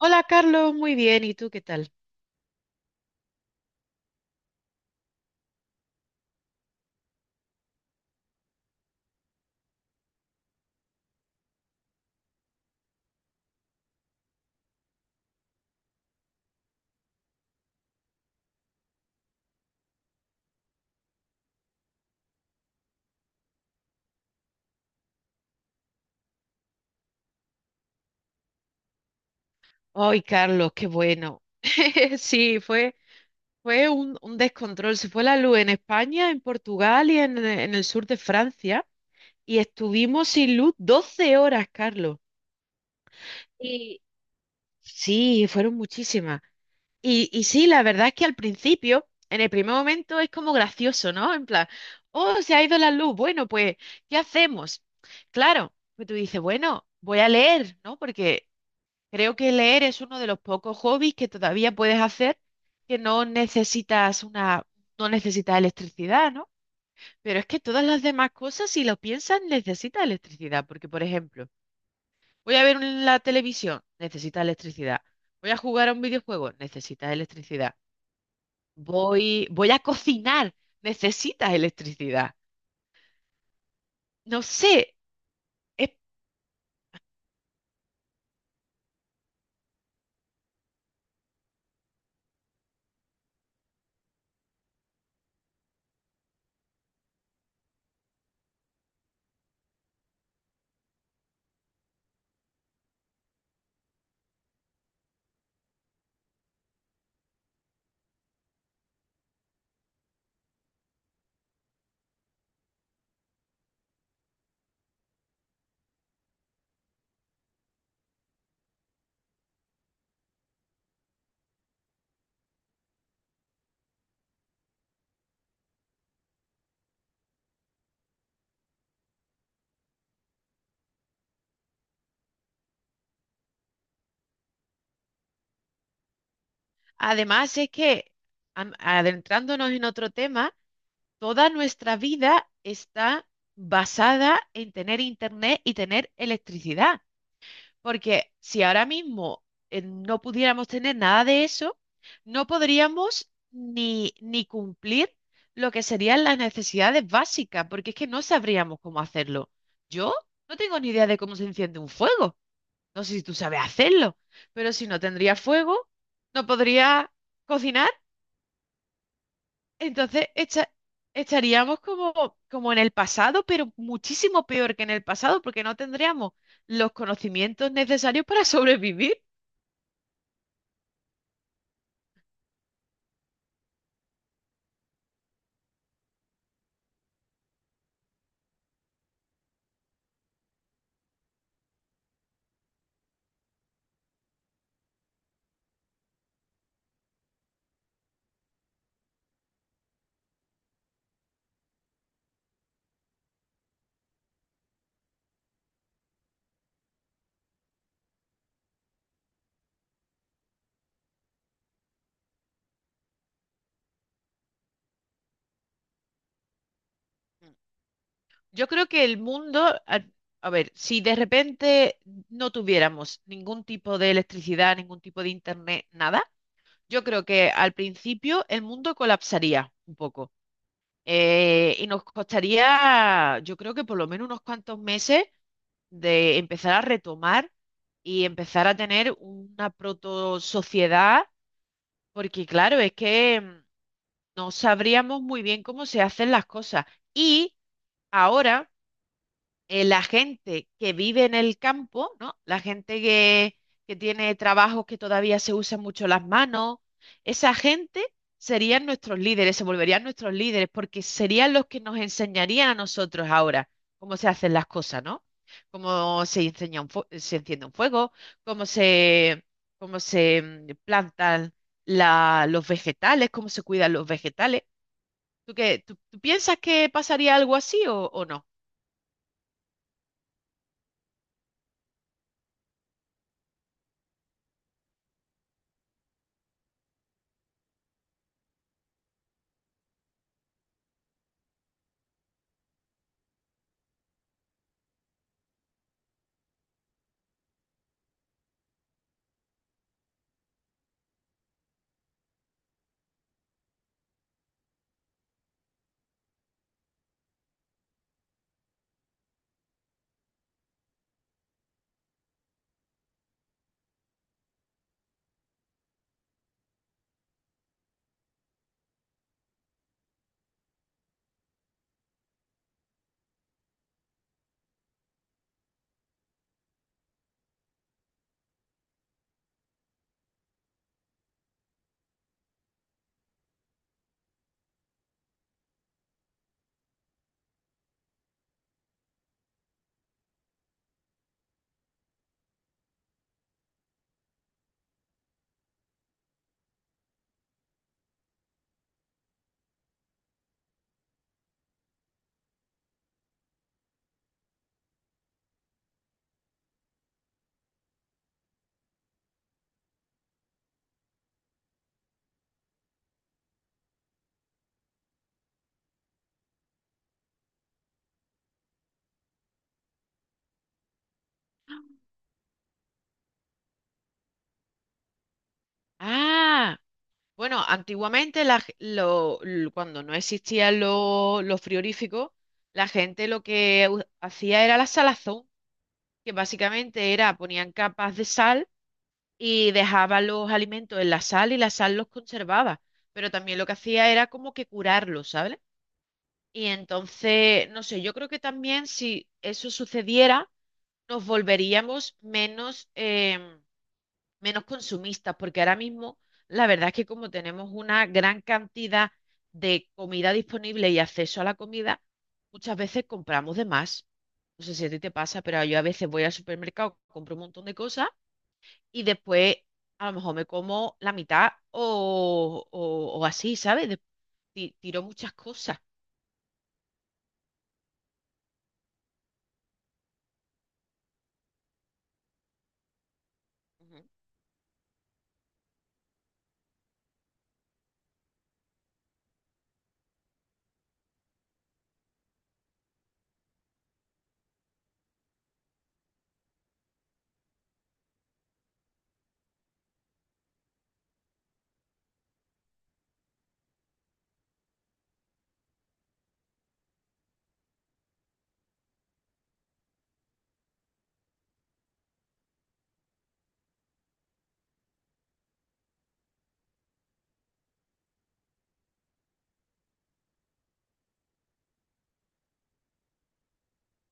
Hola Carlos, muy bien, ¿y tú qué tal? Ay, Carlos, qué bueno. Sí, fue un descontrol. Se fue la luz en España, en Portugal y en el sur de Francia. Y estuvimos sin luz 12 horas, Carlos. Y sí, fueron muchísimas. Sí, la verdad es que al principio, en el primer momento, es como gracioso, ¿no? En plan, oh, se ha ido la luz. Bueno, pues, ¿qué hacemos? Claro, pues tú dices, bueno, voy a leer, ¿no? Porque creo que leer es uno de los pocos hobbies que todavía puedes hacer, que no necesitas electricidad, ¿no? Pero es que todas las demás cosas, si lo piensas, necesitas electricidad. Porque, por ejemplo, voy a ver un- la televisión, necesitas electricidad. Voy a jugar a un videojuego, necesitas electricidad. Voy a cocinar, necesitas electricidad. No sé. es- además, es que adentrándonos en otro tema. Toda nuestra vida está basada en tener internet y tener electricidad, porque si ahora mismo no pudiéramos tener nada de eso, no podríamos ni cumplir lo que serían las necesidades básicas, porque es que no sabríamos cómo hacerlo. Yo no tengo ni idea de cómo se enciende un fuego. No sé si tú sabes hacerlo, pero si no tendría fuego, no podría cocinar. entonces, echa- Estaríamos como en el pasado, pero muchísimo peor que en el pasado, porque no tendríamos los conocimientos necesarios para sobrevivir. Yo creo que el mundo, a, a ver, si de repente no tuviéramos ningún tipo de electricidad, ningún tipo de internet, nada, yo creo que al principio el mundo colapsaría un poco. Y nos costaría, yo creo que por lo menos unos cuantos meses de empezar a retomar y empezar a tener una proto sociedad, porque claro, es que no sabríamos muy bien cómo se hacen las cosas. Y ahora la gente que vive en el campo, ¿no? Que tiene trabajos que todavía se usan mucho las manos, esa gente serían nuestros líderes, se volverían nuestros líderes, porque serían los que nos enseñarían a nosotros ahora cómo se hacen las cosas, ¿no? Cómo se enseña un fue- Se enciende un fuego, cómo se, cómo se plantan los vegetales, cómo se cuidan los vegetales. ¿Tú piensas que pasaría algo así o no? Ah. Bueno, antiguamente la g- lo- l- cuando no existían los frigoríficos, la gente lo que hacía era la salazón, que básicamente era, ponían capas de sal y dejaban los alimentos en la sal y la sal los conservaba, pero también lo que hacía era como que curarlos, ¿sabes? Y entonces, no sé, yo creo que también si eso sucediera, nos volveríamos menos menos consumistas, porque ahora mismo la verdad es que como tenemos una gran cantidad de comida disponible y acceso a la comida, muchas veces compramos de más. No sé si a ti te pasa, pero yo a veces voy al supermercado, compro un montón de cosas y después a lo mejor me como la mitad o así, ¿sabes? Tiro muchas cosas. Ujú.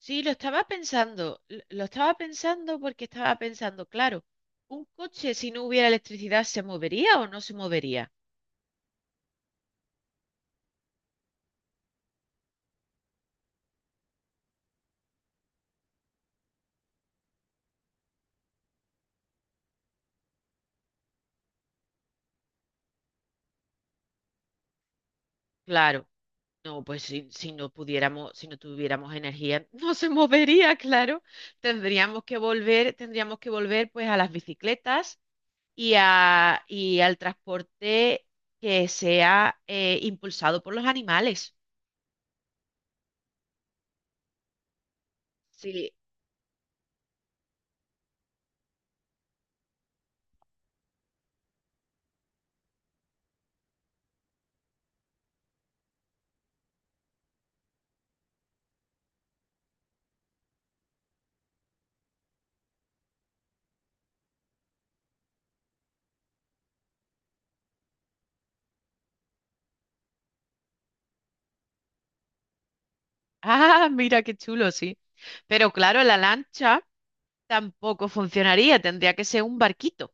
Sí, lo estaba pensando, lo estaba pensando porque estaba pensando, claro, ¿un coche si no hubiera electricidad se movería o no se movería? Claro, no, pues si no pudiéramos, si no tuviéramos energía, no se movería, claro. Tendríamos que volver pues a las bicicletas y y al transporte que sea impulsado por los animales. Sí. Ah, mira qué chulo, sí. Pero claro, la lancha tampoco funcionaría, tendría que ser un barquito.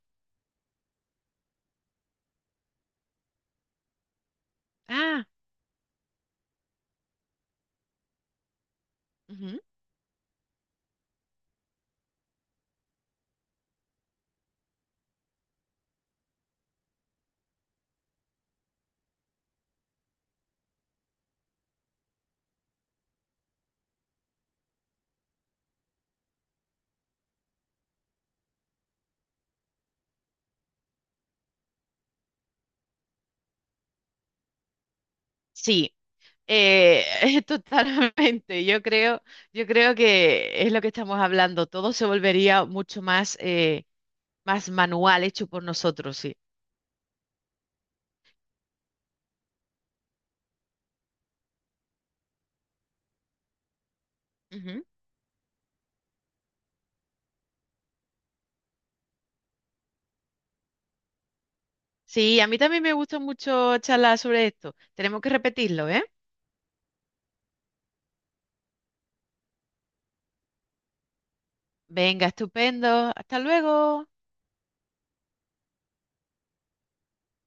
Ah, ujú. Sí. Eh, Totalmente. Yo creo que es lo que estamos hablando. Todo se volvería mucho más, más manual, hecho por nosotros, sí. Ujú. Sí, a mí también me gusta mucho charlar sobre esto. Tenemos que repetirlo, ¿eh? Venga, estupendo. Hasta luego.